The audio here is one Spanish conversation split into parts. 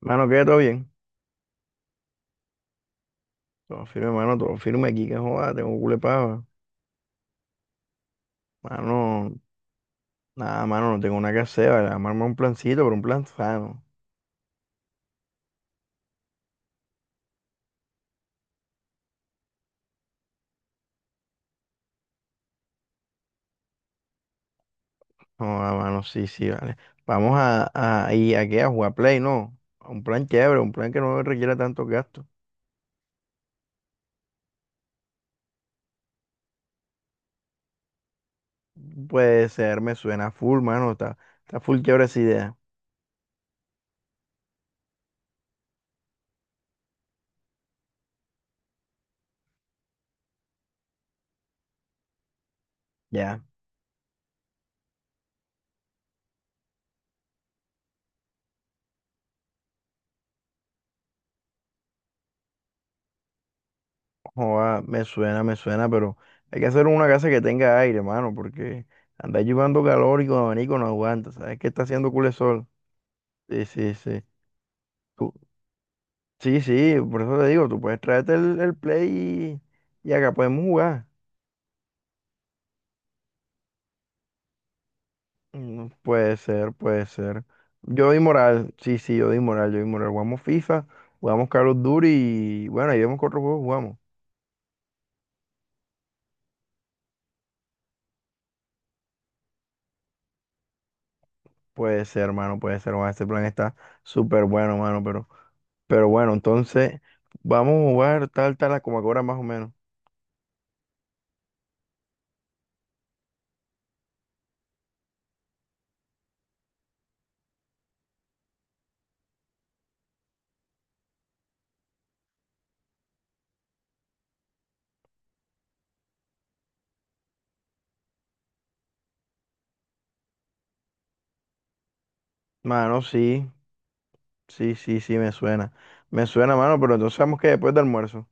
Mano, ¿qué? ¿Todo bien? Todo firme, mano, todo firme aquí, que joda, tengo culepaba. Mano, nada, mano, no tengo nada que hacer, vale, vamos a armar un plancito, pero un plan sano. No, no, mano, sí, sí, vale. Vamos a, ¿y a qué? ¿A jugar Play, no? A Un plan chévere, un plan que no requiera tantos gastos. Puede ser, me suena full, mano, está full chévere esa idea. Ya, joda, me suena, pero hay que hacer una casa que tenga aire, mano, porque andar llevando calor y con abanico no aguanta. ¿Sabes qué está haciendo culo el sol? Sí, sí, sí. Tú- Sí, sí, por eso te digo, tú puedes traerte el Play y acá podemos jugar. Mm, puede ser, puede ser. Yo doy moral, sí, sí, yo doy moral, yo doy moral. Jugamos FIFA, jugamos Call of Duty y bueno, ahí vemos qué otros juegos jugamos. Puede ser, hermano, puede ser, mano, este plan está súper bueno, mano, pero bueno, entonces vamos a jugar tal, tal, como ahora más o menos. Mano, sí, sí, sí, sí, me suena. Me suena, mano, pero entonces sabemos que después del almuerzo.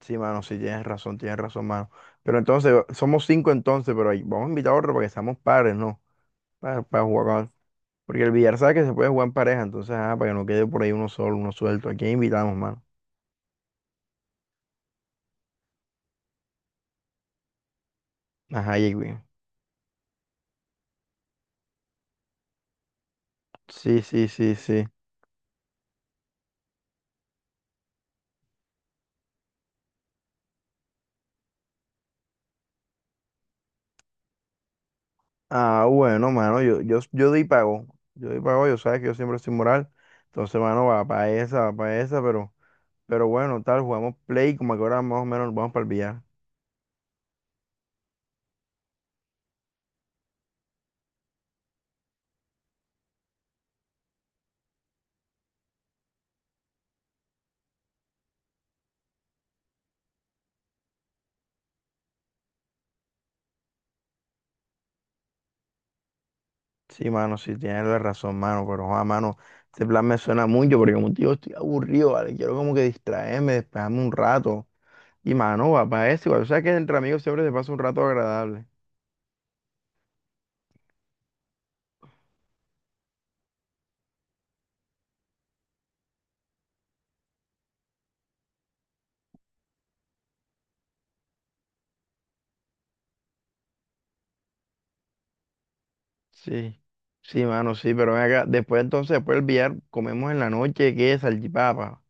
Sí, mano, sí, tienes razón, mano. Pero entonces, somos cinco entonces, pero ahí vamos a invitar a otro para que seamos pares, ¿no? Para jugar con- Porque el billar sabe que se puede jugar en pareja, entonces, ajá, para que no quede por ahí uno solo, uno suelto. ¿A quién invitamos, mano? Ajá, y sí, sí, sí, sí. Ah, bueno, mano, yo di pago. Yo di pago, yo sabes que yo siempre soy moral. Entonces, mano, va para esa, pero bueno, tal, jugamos play, como que ahora más o menos nos vamos para el billar. Sí, mano, sí, tienes la razón, mano, pero, joder, mano, este plan me suena mucho porque como te digo, estoy aburrido, ¿vale? Quiero como que distraerme, despejarme un rato. Y, mano, va para eso, igual, o sea que entre amigos siempre se pasa un rato agradable. Sí, sí, mano, sí, pero ven acá, después entonces, después el billar, comemos en la noche, ¿qué? Salchipapa.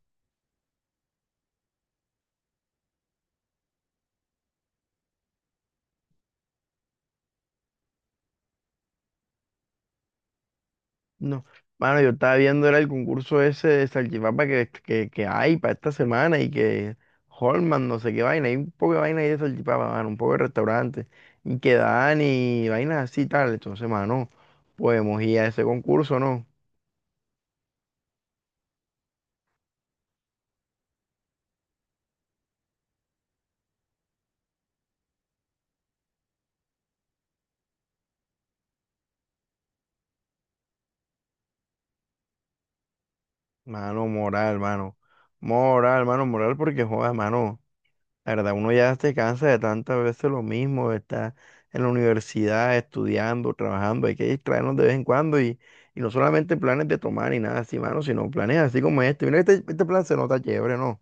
No, mano, yo estaba viendo era el concurso ese de salchipapa que hay para esta semana y que Holman, no sé qué vaina, hay un poco de vaina ahí de salchipapa, mano, un poco de restaurante y que dan y vainas así y tal. Entonces, mano, podemos ir a ese concurso, ¿no? Mano, moral, mano. Moral, mano, moral porque joda, mano. La verdad, uno ya se cansa de tantas veces lo mismo, de estar en la universidad estudiando, trabajando, hay que distraernos de vez en cuando y no solamente planes de tomar y nada así, mano, sino planes así como este. Mira, este plan se nota chévere, ¿no?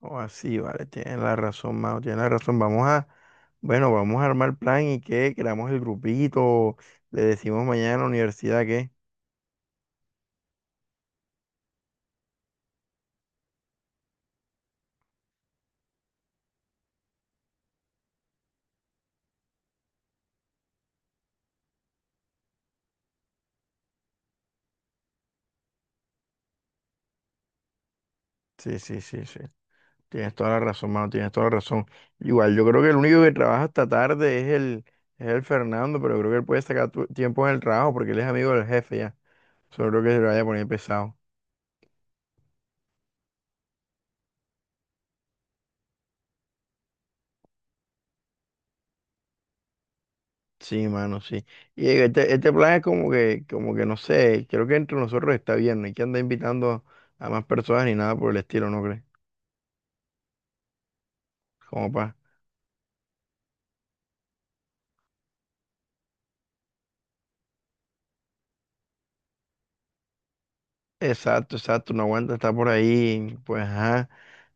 O así, vale, tienes la razón, Mao, tienes la razón. Vamos a, bueno, vamos a armar plan y qué, creamos el grupito, le decimos mañana en la universidad qué. Sí, sí, sí, sí. Tienes toda la razón, mano, tienes toda la razón. Igual, yo creo que el único que trabaja hasta tarde es el Fernando, pero yo creo que él puede sacar tiempo en el trabajo porque él es amigo del jefe ya. Solo creo que se lo vaya a poner pesado. Sí, mano, sí. Y este plan es como que no sé, creo que entre nosotros está bien, no hay que andar invitando a más personas ni nada por el estilo, ¿no crees? Como pa. Exacto, exacto, no aguanta estar por ahí, pues ajá.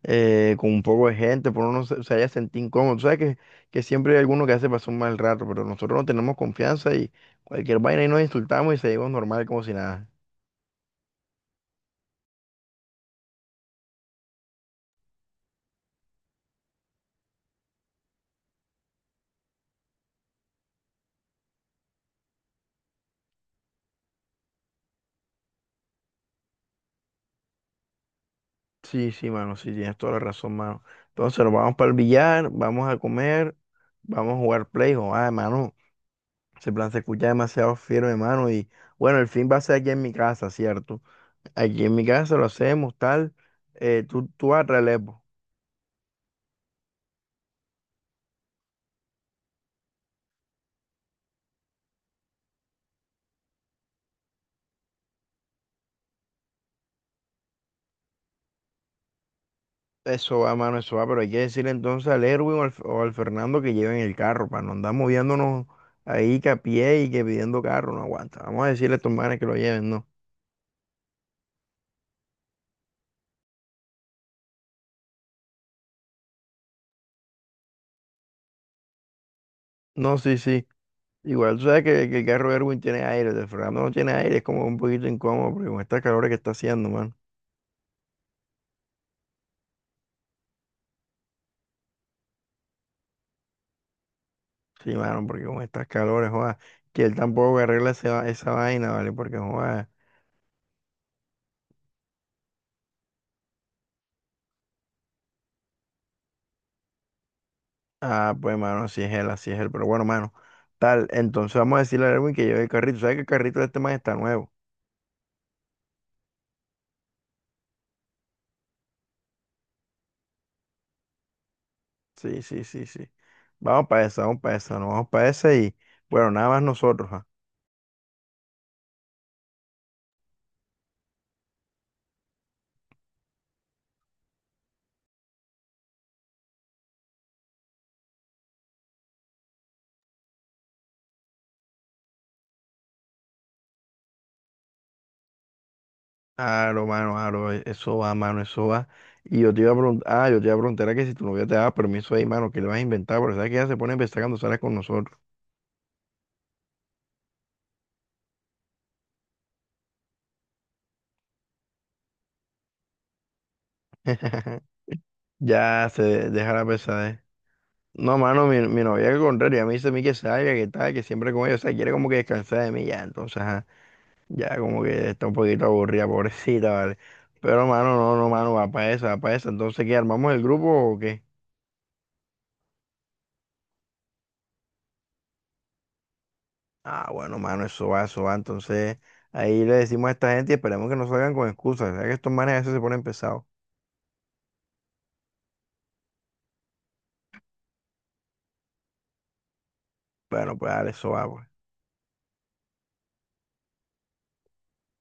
Con un poco de gente, por uno no se haya sentido incómodo. Tú sabes que siempre hay alguno que hace pasar un mal rato, pero nosotros no tenemos confianza y cualquier vaina y nos insultamos y seguimos normal como si nada. Sí, sí, mano, sí, tienes toda la razón, mano. Entonces nos vamos para el billar, vamos a comer, vamos a jugar play. Oh, ah, mano. Ese plan se escucha demasiado firme, mano. Y bueno, el fin va a ser aquí en mi casa, ¿cierto? Aquí en mi casa lo hacemos, tal. Tú vas a traer el Xbox. Eso va, mano, eso va, pero hay que decirle entonces al Erwin o al Fernando que lleven el carro, para no andar moviéndonos ahí que a pie y que pidiendo carro, no aguanta. Vamos a decirle a estos manes que lo lleven, no. No, sí, sí. Igual tú sabes que el carro de Erwin tiene aire, el de Fernando no tiene aire, es como un poquito incómodo, porque con estas calores que está haciendo, mano. Sí, mano, porque con estas calores, joda, que él tampoco arregla esa vaina, ¿vale? Porque, joda, ah, pues, mano, así es él, pero bueno, mano, tal. Entonces vamos a decirle a Erwin que lleve el carrito. ¿Sabes que el carrito de este man está nuevo? Sí, sí, sí, sí. Vamos para esa, no, vamos para esa y bueno, nada más nosotros. Ah. Aro, mano, aro, eso va, mano, eso va. Y yo te iba a preguntar, ah, yo te iba a preguntar a que si tu novia te daba permiso ahí, mano, que le vas a inventar, pero sabes que ella se pone a empezar cuando sale con nosotros. Ya se deja la pesadez. No, mano, mi novia al contrario, a mí dice a mí que salga, que tal, que siempre con ella, o sea, quiere como que descansar de mí ya, entonces, ajá. Ya como que está un poquito aburrida, pobrecita, ¿vale? Pero, mano, no, no, mano, va para eso, va para eso. Entonces, ¿qué? ¿Armamos el grupo o qué? Ah, bueno, mano, eso va, eso va. Entonces, ahí le decimos a esta gente y esperemos que no salgan con excusas. Ya que estos manes a veces se ponen pesados. Bueno, pues dale, eso va, pues.